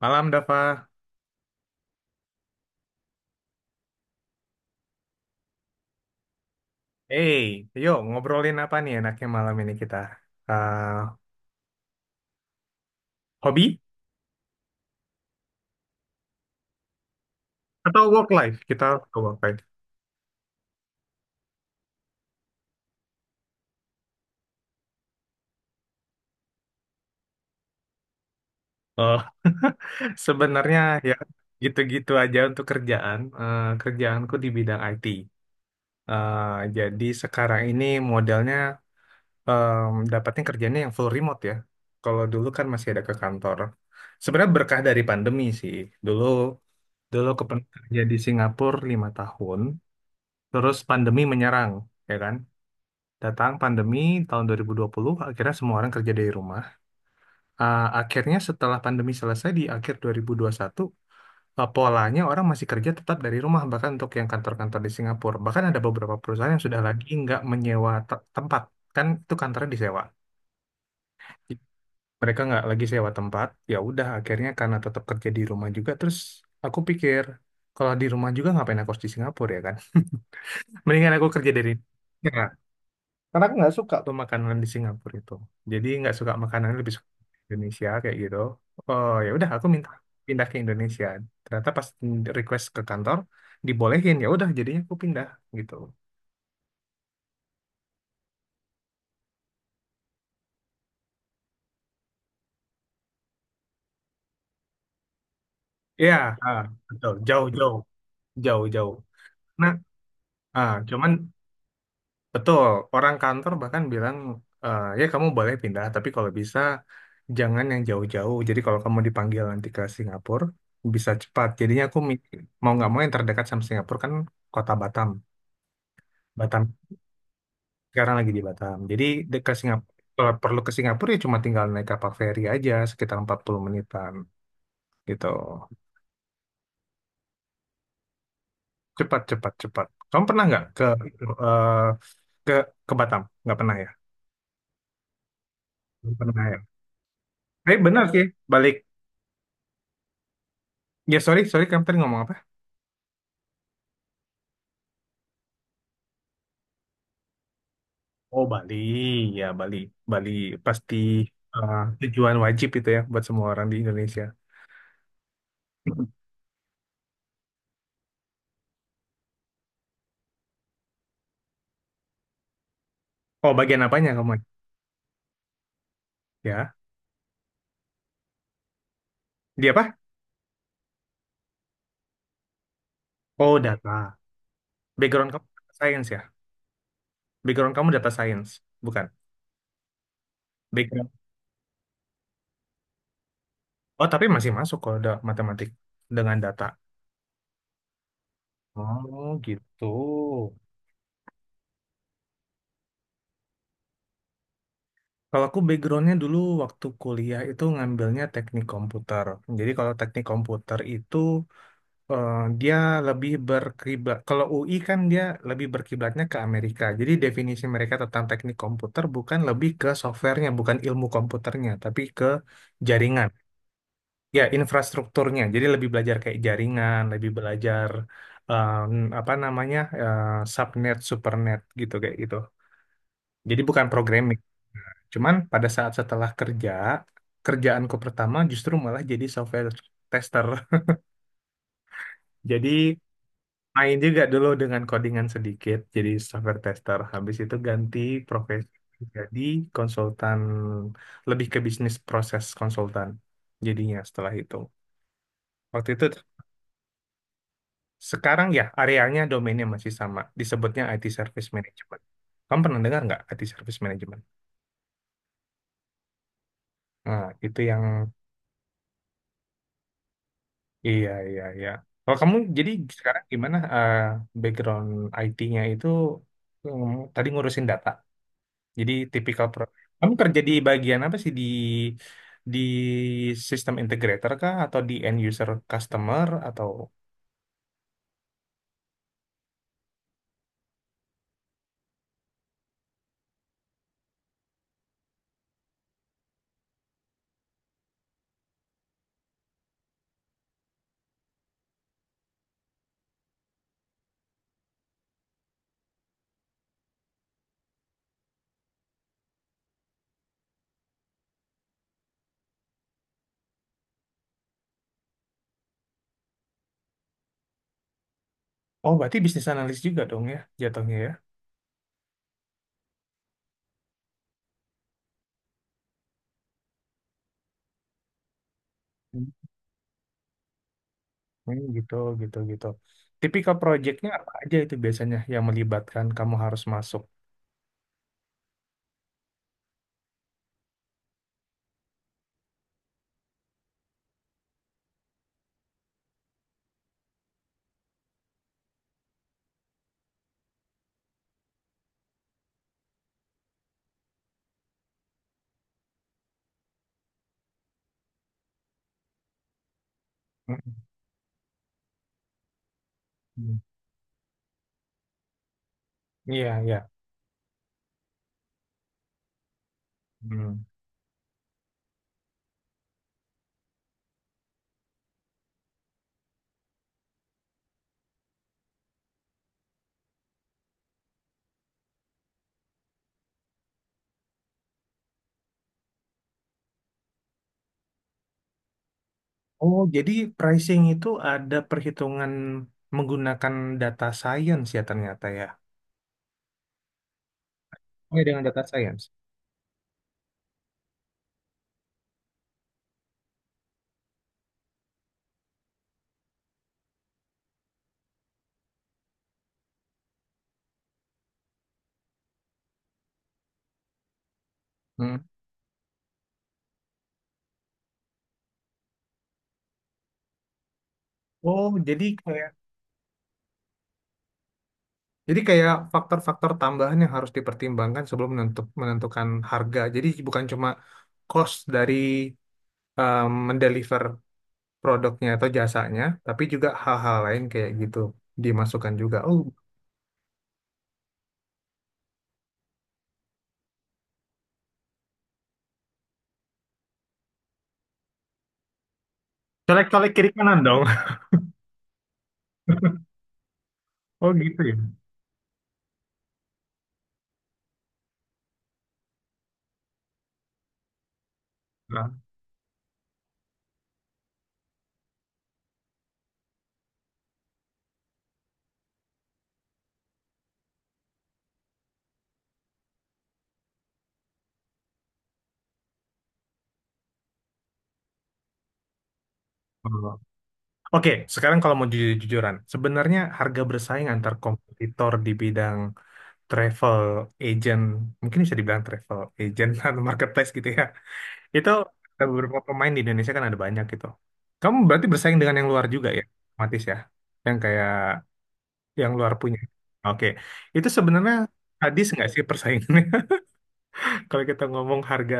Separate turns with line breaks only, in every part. Malam, Dafa. Hey, yuk ngobrolin apa nih enaknya malam ini kita? Ah, hobi atau work life? Kita ke work life. Oh, sebenarnya ya gitu-gitu aja untuk kerjaan. Kerjaanku di bidang IT. Eh, jadi sekarang ini modelnya dapatnya kerjanya yang full remote ya. Kalau dulu kan masih ada ke kantor. Sebenarnya berkah dari pandemi sih. Dulu dulu kepen kerja di Singapura 5 tahun, terus pandemi menyerang, ya kan? Datang pandemi tahun 2020, akhirnya semua orang kerja dari rumah. Akhirnya setelah pandemi selesai di akhir 2021, polanya orang masih kerja tetap dari rumah, bahkan untuk yang kantor-kantor di Singapura. Bahkan ada beberapa perusahaan yang sudah lagi nggak menyewa tempat, kan itu kantornya disewa. Mereka nggak lagi sewa tempat, ya udah akhirnya karena tetap kerja di rumah juga, terus aku pikir, kalau di rumah juga ngapain aku harus di Singapura ya kan? Mendingan aku kerja dari... Ya. Karena aku nggak suka tuh makanan di Singapura itu. Jadi nggak suka makanan lebih suka Indonesia kayak gitu. Oh ya udah aku minta pindah ke Indonesia. Ternyata pas request ke kantor dibolehin ya udah jadinya aku pindah gitu. Iya, ah, betul. Jauh jauh jauh jauh. Nah, cuman Betul, orang kantor bahkan bilang, "Eh, ya kamu boleh pindah, tapi kalau bisa jangan yang jauh-jauh. Jadi kalau kamu dipanggil nanti ke Singapura, bisa cepat. Jadinya aku mau nggak mau yang terdekat sama Singapura kan kota Batam. Batam Sekarang lagi di Batam. Jadi ke Singapura, kalau perlu ke Singapura ya cuma tinggal naik kapal feri aja sekitar 40 menitan gitu. Cepat, cepat, cepat. Kamu pernah nggak ke eh, ke ke Batam? Nggak pernah ya? Nggak pernah ya. Eh benar sih, balik. Ya sorry, sorry kamu tadi ngomong apa? Oh Bali, ya Bali, Bali pasti tujuan wajib itu ya buat semua orang di Indonesia. Oh bagian apanya kamu? Ya, dia apa? Oh data. Background kamu data science ya? Background kamu data science, bukan? Background. Oh tapi masih masuk kalau ada matematik dengan data. Oh gitu. Kalau aku backgroundnya dulu waktu kuliah itu ngambilnya teknik komputer. Jadi kalau teknik komputer itu eh, dia lebih berkiblat. Kalau UI kan dia lebih berkiblatnya ke Amerika. Jadi definisi mereka tentang teknik komputer bukan lebih ke softwarenya, bukan ilmu komputernya, tapi ke jaringan. Ya, infrastrukturnya. Jadi lebih belajar kayak jaringan, lebih belajar em, apa namanya subnet, supernet gitu kayak gitu. Jadi bukan programming. Cuman pada saat setelah kerja, kerjaanku pertama justru malah jadi software tester. Jadi main juga dulu dengan codingan sedikit jadi software tester habis itu ganti profesi jadi konsultan lebih ke bisnis proses konsultan jadinya setelah itu waktu itu sekarang ya areanya domainnya masih sama disebutnya IT Service Management kamu pernah dengar nggak IT Service Management nah itu yang iya iya iya kalau kamu jadi sekarang gimana background IT-nya itu tadi ngurusin data Jadi tipikal pro. Kamu kerja di bagian apa sih di sistem integrator kah atau di end user customer atau oh berarti bisnis analis juga dong ya jatuhnya ya. Hmm, hmm, gitu gitu gitu. Tipikal projectnya apa aja itu biasanya yang melibatkan kamu harus masuk. Hmm, hmm. Iya iya. Hmm. Oh jadi pricing itu ada perhitungan menggunakan data science ya ternyata ya. Oh, ya, dengan data science. Hmm. Oh, jadi kayak Jadi kayak faktor-faktor tambahan yang harus dipertimbangkan sebelum menentukan harga. Jadi bukan cuma cost dari mendeliver produknya atau jasanya, tapi juga hal-hal lain kayak gitu dimasukkan juga. Oh, colek-colek kiri kanan dong. Oh gitu ya. Nah, oh. Oke, sekarang kalau mau jujur-jujuran, sebenarnya harga bersaing antar kompetitor di bidang travel agent, mungkin bisa dibilang travel agent atau marketplace gitu ya. Itu ada beberapa pemain di Indonesia kan ada banyak gitu. Kamu berarti bersaing dengan yang luar juga ya, otomatis ya. Yang kayak yang luar punya. Oke. Itu sebenarnya hadis nggak sih persaingannya? Kalau kita ngomong harga,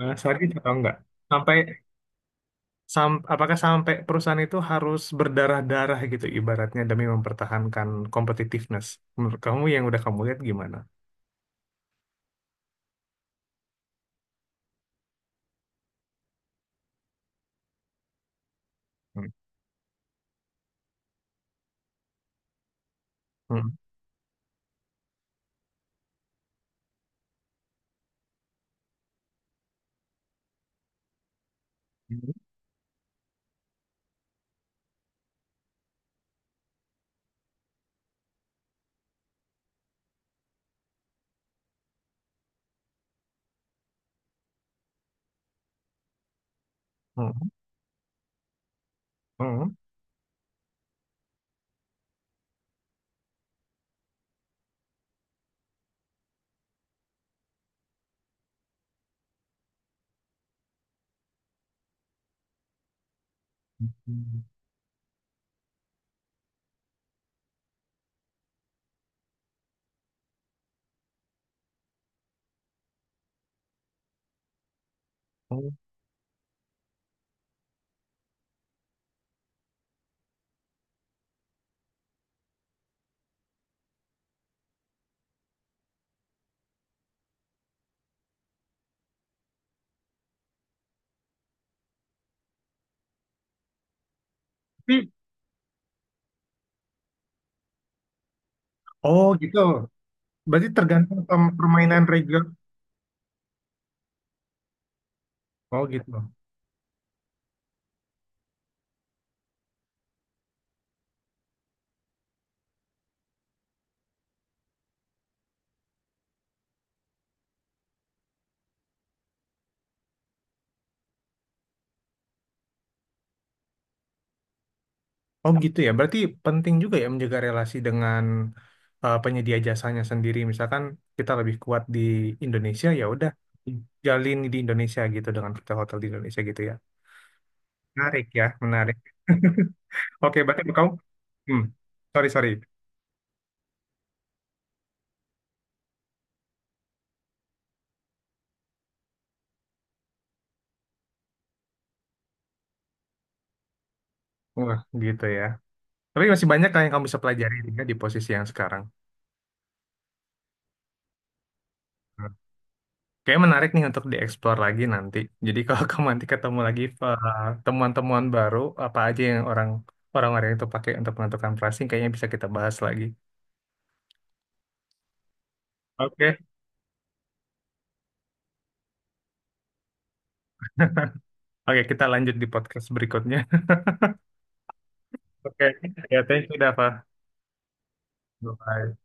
sadis atau enggak? Sampai apakah sampai perusahaan itu harus berdarah-darah gitu ibaratnya demi mempertahankan competitiveness? Menurut kamu yang udah kamu lihat gimana? Hmm. Hmm. Hmm. Hmm. Hmm. Hmm. Tapi, oh gitu. Berarti tergantung permainan reguler. Oh gitu. Oh gitu ya. Berarti penting juga ya menjaga relasi dengan penyedia jasanya sendiri. Misalkan kita lebih kuat di Indonesia, ya udah jalin di Indonesia gitu dengan hotel-hotel di Indonesia gitu ya. Menarik ya, menarik. Oke, berarti kamu, hmm, sorry sorry. Wah, gitu ya. Tapi masih banyak kan yang kamu bisa pelajari ya, di posisi yang sekarang. Kayaknya menarik nih untuk dieksplor lagi nanti. Jadi kalau kamu nanti ketemu lagi temuan-temuan baru apa aja yang orang-orang itu pakai untuk menentukan pricing, kayaknya bisa kita bahas lagi. Oke, oke, kita lanjut di podcast berikutnya. Oke, ya, thank you, Dava. Bye.